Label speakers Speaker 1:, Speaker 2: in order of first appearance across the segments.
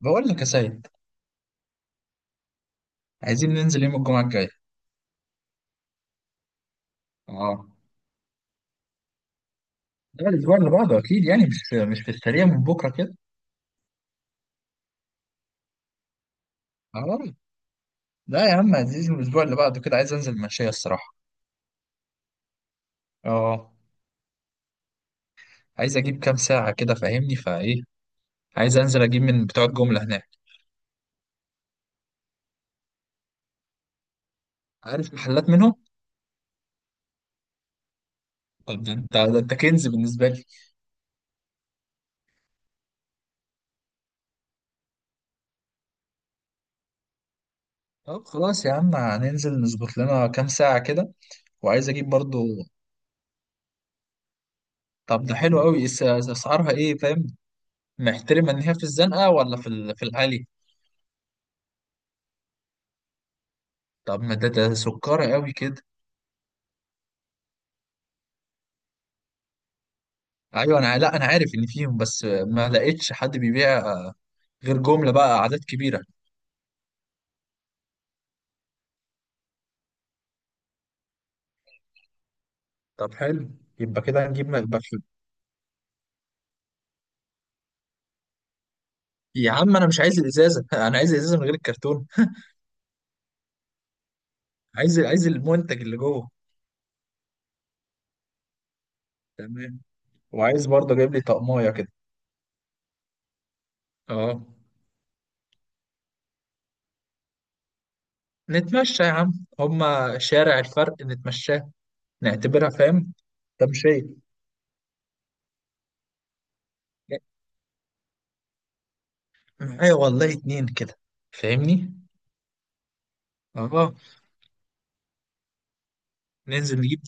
Speaker 1: بقول لك يا سيد، عايزين ننزل يوم الجمعة الجاي. اه. لا، الأسبوع اللي بعده أكيد يعني مش في السريع من بكرة كده. اه. لا يا عم، عايزين الأسبوع اللي بعده كده. عايز أنزل مشاية الصراحة. اه. عايز أجيب كام ساعة كده فاهمني فإيه. عايز أنزل أجيب من بتوع الجملة هناك. عارف محلات منهم. طب ده أنت كنز بالنسبة لي. طب خلاص يا عم، هننزل نظبط لنا كام ساعة كده. وعايز أجيب برضو. طب ده حلو أوي أسعارها إيه فاهم. محترمة إن هي في الزنقة ولا في العالي؟ طب ما ده سكرة قوي كده. ايوه انا، لا انا عارف ان فيهم، بس ما لقيتش حد بيبيع غير جملة بقى اعداد كبيرة. طب حلو. يبقى كده هنجيب م- يبقى في- يا عم انا مش عايز الازازة انا عايز الازازة من غير الكرتون. عايز المنتج اللي جوه. تمام. وعايز برضه جايب لي طقمايه كده. اه. نتمشى يا عم، هما شارع الفرق نتمشاه، نعتبرها فاهم تمشية. معايا والله اتنين كده فاهمني. اه. ننزل نجيب.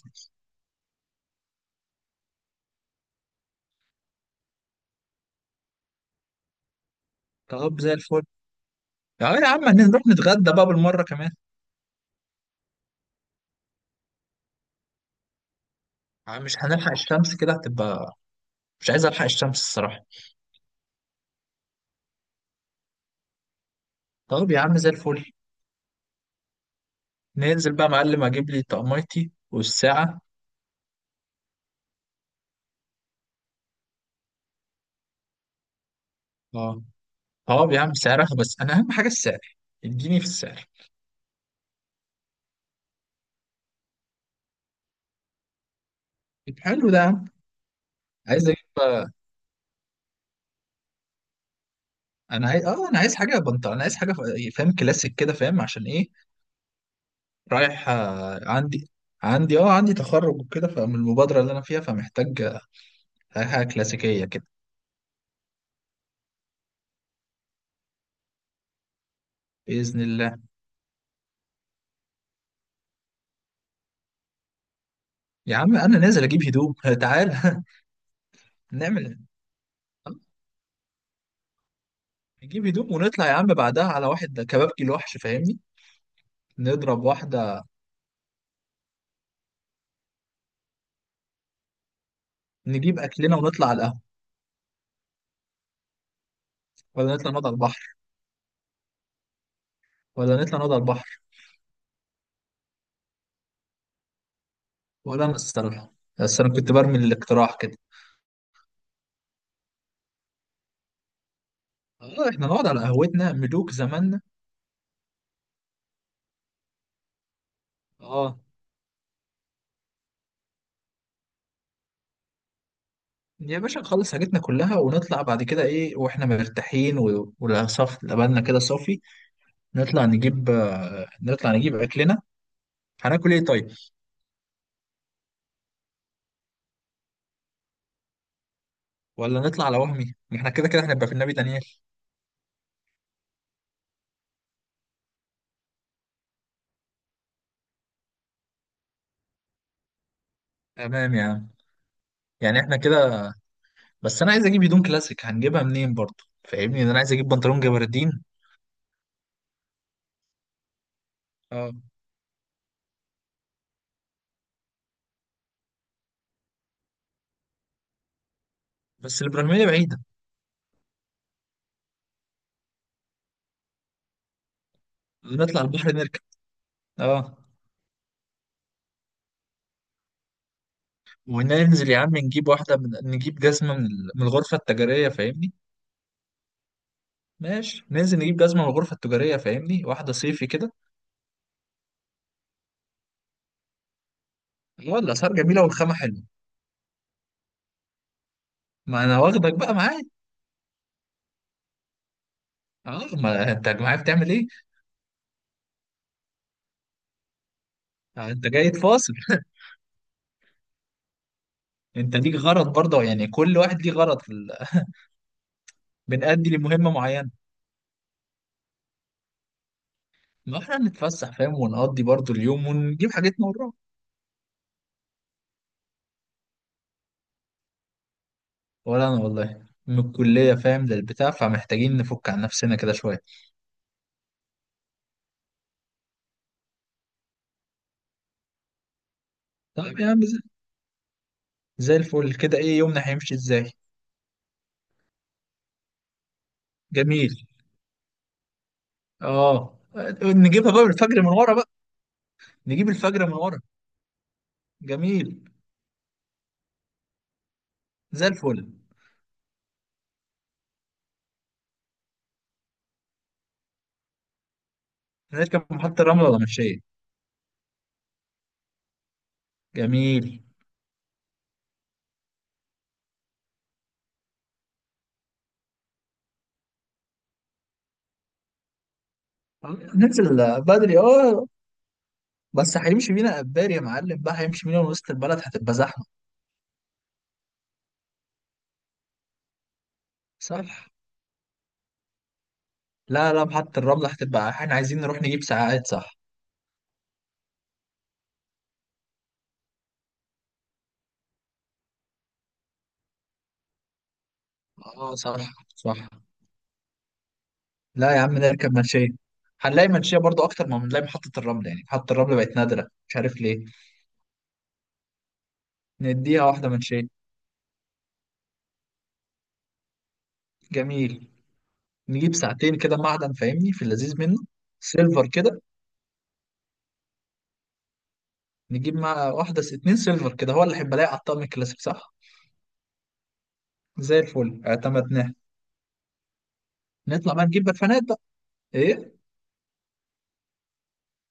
Speaker 1: طب زي الفل. اه يا عم، هنروح نتغدى بقى بالمرة كمان. عم مش هنلحق الشمس كده هتبقى، مش عايز الحق الشمس الصراحة. طب يا عم زي الفل. ننزل بقى يا معلم اجيب لي طقميتي والساعة. اه. طب يا عم سعرها، بس انا اهم حاجة السعر، اديني في السعر. طب حلو ده يا عم. عايز اجيب بقى. انا عايز اه انا عايز حاجة بنطلون، انا عايز حاجة فاهم كلاسيك كده فاهم عشان ايه. رايح آه، عندي. عندي اه عندي تخرج وكده، فمن المبادرة اللي انا فيها فمحتاج حاجة كلاسيكية كده. بإذن الله. يا عم أنا نازل أجيب هدوم تعال نعمل آه، نجيب هدوم ونطلع يا عم بعدها على واحد كبابجي الوحش فاهمني. نضرب واحدة. نجيب أكلنا ونطلع على القهوة. ولا نطلع نقعد على البحر؟ ولا نطلع نقعد على البحر؟ ولا أنا الصراحة، بس أنا كنت برمي الاقتراح كده. اه احنا نقعد على قهوتنا ملوك زماننا. اه يا باشا، نخلص حاجتنا كلها ونطلع بعد كده ايه واحنا مرتاحين، ولا صف لبالنا كده صافي. نطلع نجيب آه، نطلع نجيب اكلنا. هناكل ايه طيب؟ ولا نطلع على وهمي، ما احنا كده كده هنبقى في النبي دانيال. تمام يا عم. يعني احنا كده. بس انا عايز اجيب هدوم كلاسيك، هنجيبها منين برضه فاهمني؟ انا عايز اجيب بنطلون جبردين. اه. بس الابراهيميه بعيده. نطلع البحر نركب. اه. وننزل يا عم نجيب واحده من، نجيب جزمه من الغرفه التجاريه فاهمني. ماشي، ننزل نجيب جزمه من الغرفه التجاريه فاهمني، واحده صيفي كده. والله الاسعار جميله والخامه حلوه. ما انا واخدك بقى معايا. اه، ما انت معايا بتعمل ايه. آه، انت جاي تفاصل انت ليك غرض برضه، يعني كل واحد ليه غرض في... ال... بنأدي لمهمه معينه. ما احنا نتفسح فاهم، ونقضي برضو اليوم ونجيب حاجتنا ونروح. ولا انا والله من الكلية فاهم للبتاع، فمحتاجين نفك عن نفسنا كده شوية. طيب يا عم، زي الفل كده. ايه يومنا هيمشي ازاي؟ جميل. اه. نجيبها بقى من الفجر من ورا بقى. نجيب الفجر من ورا. جميل. زي الفل. نركب محطة الرمل ولا مشاية؟ جميل. ننزل بدري اه. بس هيمشي بينا قبار يا معلم بقى، هيمشي بينا من وسط البلد هتبقى زحمة. صح. لا لا، محطة الرمل هتبقى احنا عايزين نروح نجيب ساعات صح. اه صح. صح. لا يا عم، نركب منشية. هنلاقي منشية برضو أكتر ما بنلاقي محطة الرمل، يعني محطة الرمل بقت نادرة مش عارف ليه. نديها واحدة منشية. جميل. نجيب ساعتين كده معدن فاهمني، في اللذيذ منه. سيلفر كده. نجيب مع واحدة اتنين سيلفر كده، هو اللي هيبقى لاقي على الطقم الكلاسيك صح. زي الفل اعتمدناه. نطلع بقى نجيب برفانات بقى. ايه؟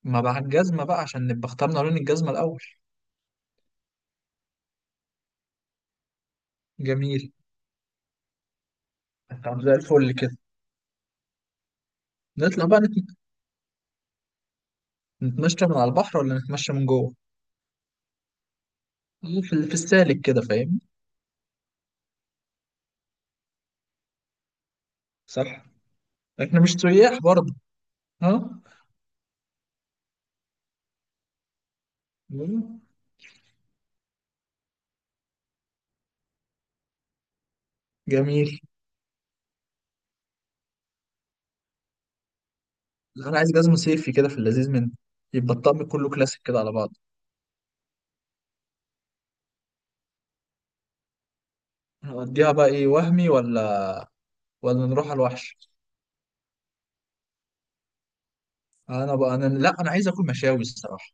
Speaker 1: ما بقى الجزمة بقى عشان نبقى اخترنا لون الجزمة الأول. جميل. طب زي الفل كده. نطلع بقى نتمشى من على البحر ولا نتمشى من جوه؟ في السالك كده فاهم. صح. احنا مش سياح برضه. ها. مم. جميل. لا، انا عايز جزمة صيفي كده في اللذيذ منه. يبقى الطقم كله كلاسيك كده على بعض. نوديها بقى ايه وهمي، ولا ولا نروح على الوحش؟ انا بقى، انا لا، انا عايز اكل مشاوي الصراحة.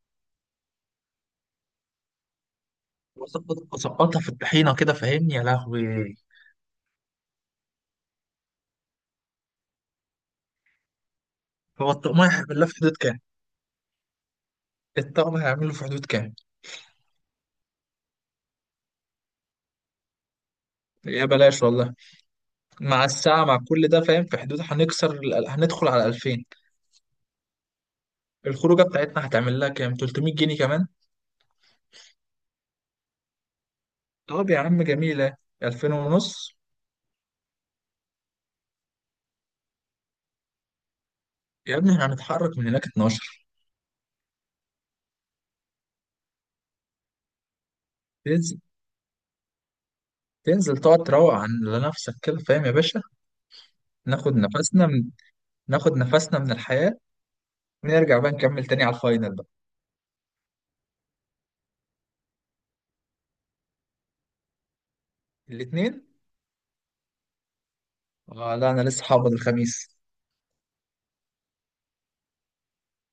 Speaker 1: اسقطها في الطحينة كده فاهمني يا لهوي. هو الطقم هيعمل لها في حدود كام؟ الطقم هيعمل له في حدود كام؟ يا بلاش والله. مع الساعة مع كل ده فاهم في حدود، هندخل على 2000. الخروجة بتاعتنا هتعمل لها كام، 300 جنيه كمان. طب يا عم جميلة، 2000 ونص. يا ابني احنا هنتحرك من هناك 12. تنزل، تقعد تروق عن لنفسك كده فاهم يا باشا. ناخد نفسنا من، ناخد نفسنا من الحياة. ونرجع بقى نكمل تاني على الفاينل بقى. الاثنين اه. لا انا لسه هقبض الخميس.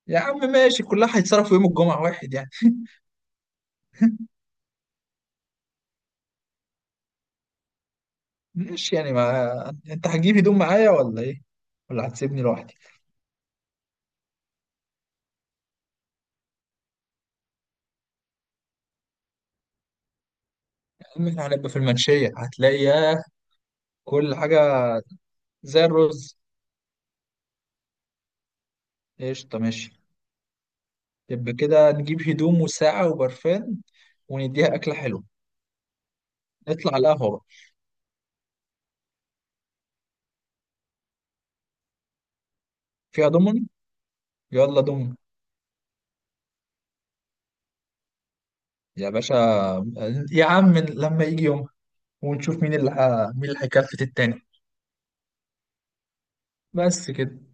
Speaker 1: يا عم ماشي، كلها هيتصرفوا يوم الجمعة واحد يعني. ماشي يعني، ما انت هتجيب هدوم معايا ولا ايه ولا هتسيبني لوحدي؟ يا عم احنا هنبقى في المنشية، هتلاقي ياه كل حاجة. زي الرز. قشطة ماشي. يبقى كده نجيب هدوم وساعة وبرفان، ونديها أكلة حلوة. نطلع على القهوة بقى. فيها دومن؟ يلا دومن. يا باشا. يا عم لما يجي يوم، ونشوف مين اللي مين اللي هيكفت التاني. بس كده.